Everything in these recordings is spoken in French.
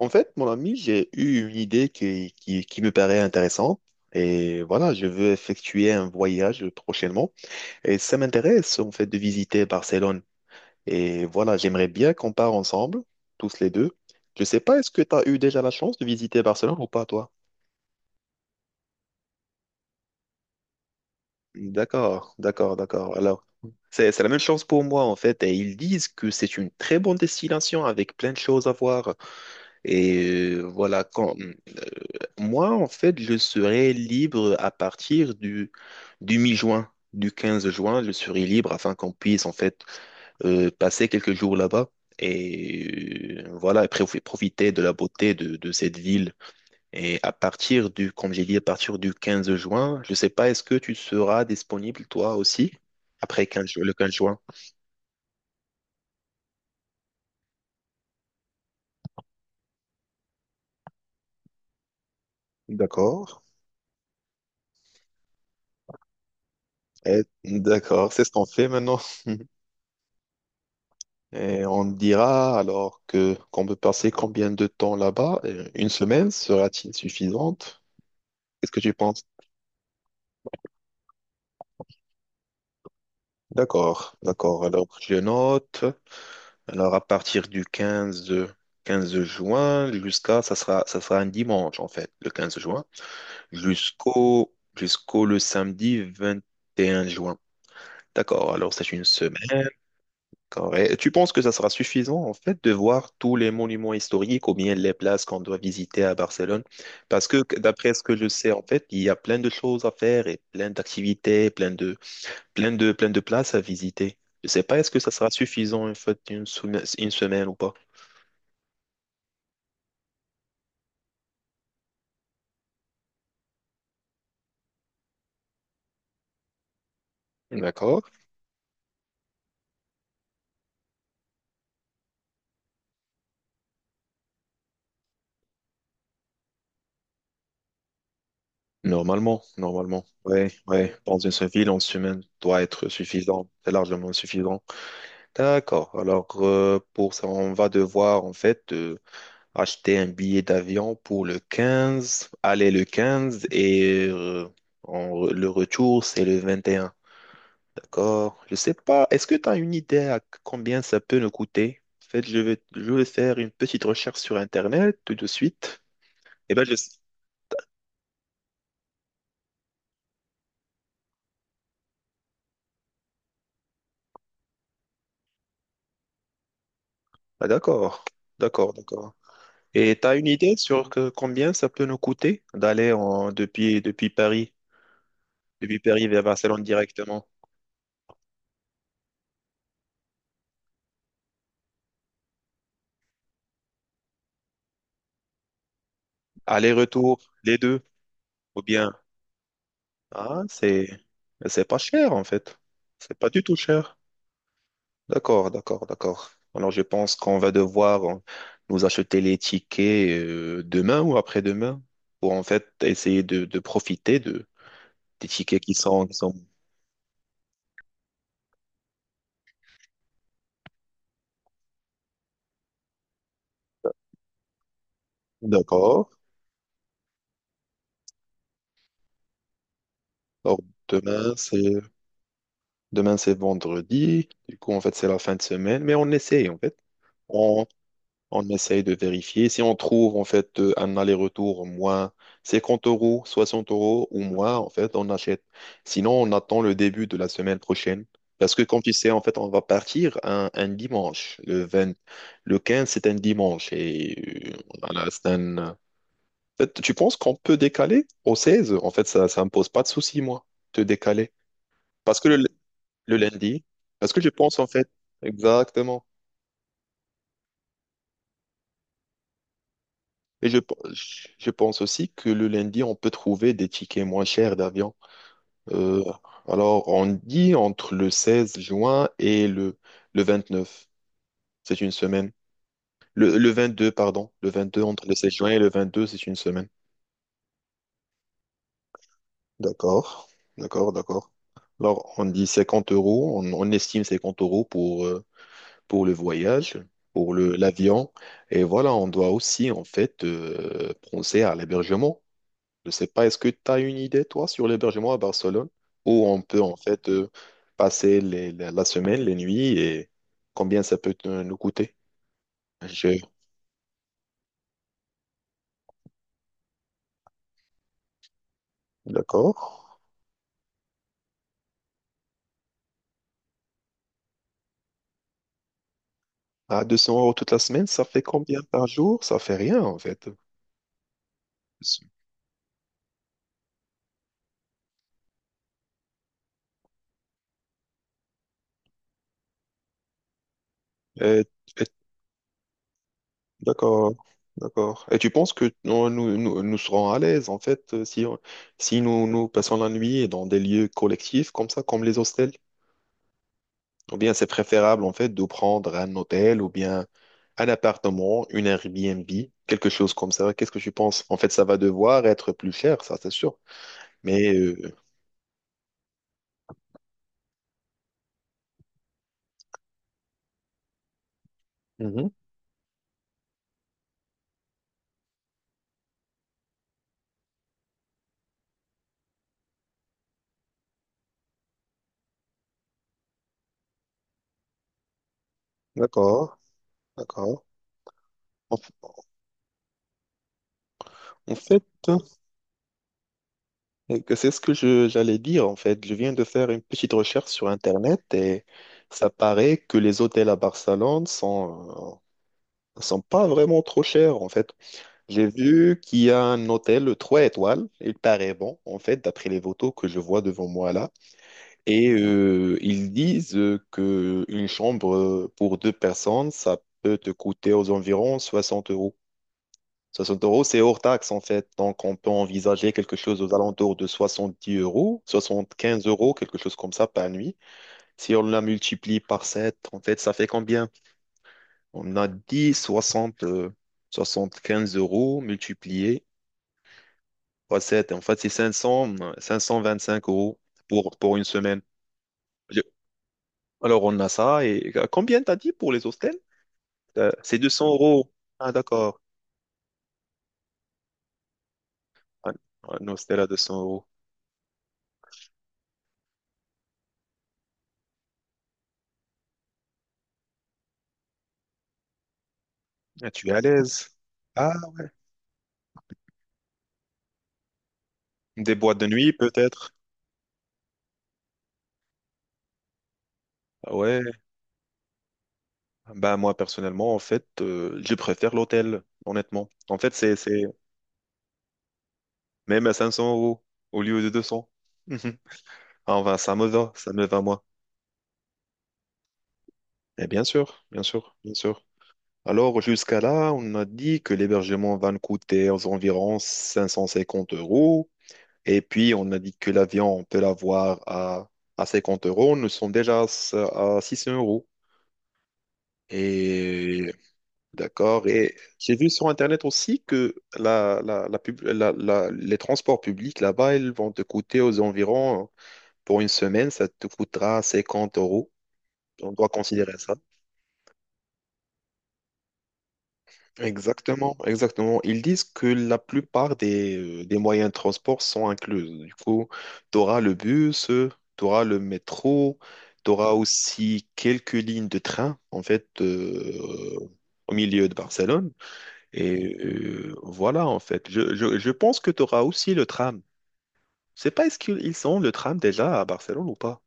En fait, mon ami, j'ai eu une idée qui me paraît intéressante. Et voilà, je veux effectuer un voyage prochainement. Et ça m'intéresse, en fait, de visiter Barcelone. Et voilà, j'aimerais bien qu'on part ensemble, tous les deux. Je sais pas, est-ce que tu as eu déjà la chance de visiter Barcelone ou pas, toi? D'accord, d'accord, d'accord. Alors, c'est la même chose pour moi, en fait. Et ils disent que c'est une très bonne destination avec plein de choses à voir. Et voilà, quand moi, en fait, je serai libre à partir du mi-juin, du 15 juin, je serai libre afin qu'on puisse, en fait, passer quelques jours là-bas et voilà, après, vous profiter de la beauté de cette ville. Et à partir du, comme j'ai dit, à partir du 15 juin, je sais pas, est-ce que tu seras disponible toi aussi après le 15 juin? D'accord. Eh, d'accord, c'est ce qu'on fait maintenant. Et on dira alors que qu'on peut passer combien de temps là-bas? Une semaine sera-t-il suffisante? Qu'est-ce que tu penses? D'accord, d'accord. Alors je note. Alors à partir du 15, 15 juin jusqu'à ça sera un dimanche en fait, le 15 juin, jusqu'au le samedi 21 juin. D'accord, alors c'est une semaine. Correct. Tu penses que ça sera suffisant, en fait, de voir tous les monuments historiques ou bien les places qu'on doit visiter à Barcelone? Parce que, d'après ce que je sais, en fait, il y a plein de choses à faire et plein d'activités, plein de places à visiter. Je sais pas, est-ce que ça sera suffisant, en fait, une semaine ou pas? D'accord. Normalement, normalement. Ouais, ouais. Dans une seule ville, en semaine, doit être suffisant. C'est largement suffisant. D'accord. Alors, pour ça, on va devoir, en fait, acheter un billet d'avion pour le 15, aller le 15 et le retour, c'est le 21, d'accord? Je sais pas, est-ce que tu as une idée à combien ça peut nous coûter? En fait, je vais faire une petite recherche sur Internet tout de suite. Et ben, je... Ah, d'accord, d'accord, d'accord. Et tu as une idée sur combien ça peut nous coûter d'aller en, depuis, depuis Paris vers Barcelone directement? Aller-retour, les deux, ou bien... Ah, c'est pas cher en fait. C'est pas du tout cher. D'accord, d'accord, d'accord. Alors je pense qu'on va devoir nous acheter les tickets demain ou après-demain pour en fait essayer de profiter de des tickets qui sont. D'accord. Alors demain c'est demain c'est vendredi. Du coup en fait c'est la fin de semaine, mais on essaye en fait. On essaye de vérifier. Si on trouve en fait un aller-retour moins 50 euros, 60 euros ou moins, en fait, on achète. Sinon, on attend le début de la semaine prochaine. Parce que comme tu sais, en fait, on va partir un dimanche. Le 15, c'est un dimanche. Et voilà, en fait, tu penses qu'on peut décaler au 16? En fait, ça me pose pas de souci, moi, de décaler. Parce que le lundi, parce que je pense, en fait, exactement. Et je pense aussi que le lundi, on peut trouver des tickets moins chers d'avion. Euh, alors, on dit entre le 16 juin et le 29. C'est une semaine. Le 22, pardon. Le 22 entre le 16 juin et le 22, c'est une semaine. D'accord, d'accord, d'accord. Alors, on dit 50 euros, on estime 50 euros pour le, voyage, pour l'avion. Et voilà, on doit aussi, en fait, penser à l'hébergement. Je sais pas, est-ce que tu as une idée, toi, sur l'hébergement à Barcelone, où on peut en fait passer la semaine, les nuits, et combien ça peut nous coûter? Je... D'accord. À 200 euros toute la semaine, ça fait combien par jour? Ça fait rien, en fait. Et- et- D'accord, d'accord. Et tu penses que nous serons à l'aise, en fait, si nous passons la nuit dans des lieux collectifs comme ça, comme les hostels? Ou bien c'est préférable en fait de prendre un hôtel ou bien un appartement, une Airbnb, quelque chose comme ça. Qu'est-ce que tu penses? En fait, ça va devoir être plus cher, ça c'est sûr. Mais euh, mhm, d'accord, d'accord. En, f- en fait, que c'est ce que j'allais dire en fait. Je viens de faire une petite recherche sur Internet et ça paraît que les hôtels à Barcelone sont pas vraiment trop chers en fait. J'ai vu qu'il y a un hôtel 3 étoiles, il paraît bon, en fait, d'après les photos que je vois devant moi là. Et ils disent que une chambre pour deux personnes, ça peut te coûter aux environs 60 euros. 60 euros, c'est hors taxe en fait, donc on peut envisager quelque chose aux alentours de 70 euros, 75 euros, quelque chose comme ça par nuit. Si on la multiplie par 7, en fait, ça fait combien? On a dit 60, quinze euros multiplié. Ouais, en fait, c'est 525 euros pour une semaine. Je- Alors, on a ça. Et combien t'as dit pour les hostels? C'est 200 euros. Ah, d'accord. Un, un hostel à 200 euros. Ah, tu es à l'aise. Ah, des boîtes de nuit, peut-être. Ah ouais. Ben, moi, personnellement, en fait, je préfère l'hôtel, honnêtement. En fait, c'est même à 500 euros au lieu de 200. Mhm. Ah, enfin, ça me va. Ça me va, moi. Et bien sûr, bien sûr, bien sûr. Alors, jusqu'à là, on a dit que l'hébergement va nous coûter aux environs 550 euros. Et puis, on a dit que l'avion, on peut l'avoir à, 50 euros. Nous sommes déjà à, 600 euros. Et d'accord. Et j'ai vu sur Internet aussi que la pub- la- la- les transports publics là-bas, ils vont te coûter aux environs, pour une semaine, ça te coûtera 50 euros. On doit considérer ça. Exactement, exactement. Ils disent que la plupart des moyens de transport sont inclus. Du coup, tu auras le bus, tu auras le métro, tu auras aussi quelques lignes de train, en fait, au milieu de Barcelone. Et voilà, en fait. Je pense que tu auras aussi le tram. Je sais pas, est-ce qu'ils ont le tram déjà à Barcelone ou pas?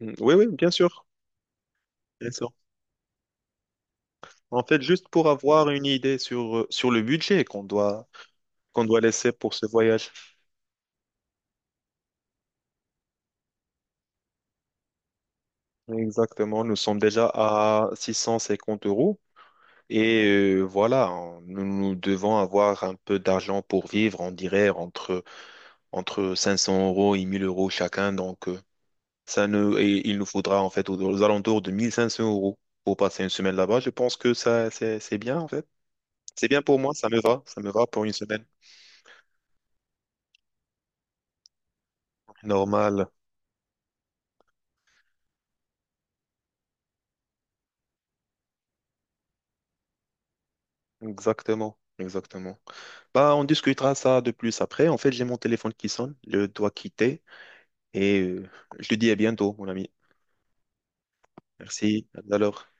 Mm, oui, oui, bien sûr, bien sûr. En fait, juste pour avoir une idée sur le budget qu'on doit laisser pour ce voyage. Exactement, nous sommes déjà à 650 euros et voilà, nous devons avoir un peu d'argent pour vivre, on dirait entre 500 euros et 1000 euros chacun. Donc, ça ne, et il nous faudra en fait aux alentours de 1500 euros pour passer une semaine là-bas. Je pense que ça, c'est bien en fait. C'est bien pour moi, ça me va pour une semaine Normal. Exactement, exactement. Bah, on discutera ça de plus après. En fait, j'ai mon téléphone qui sonne, je dois quitter. Et je te dis à bientôt, mon ami. Merci. À tout à l'heure.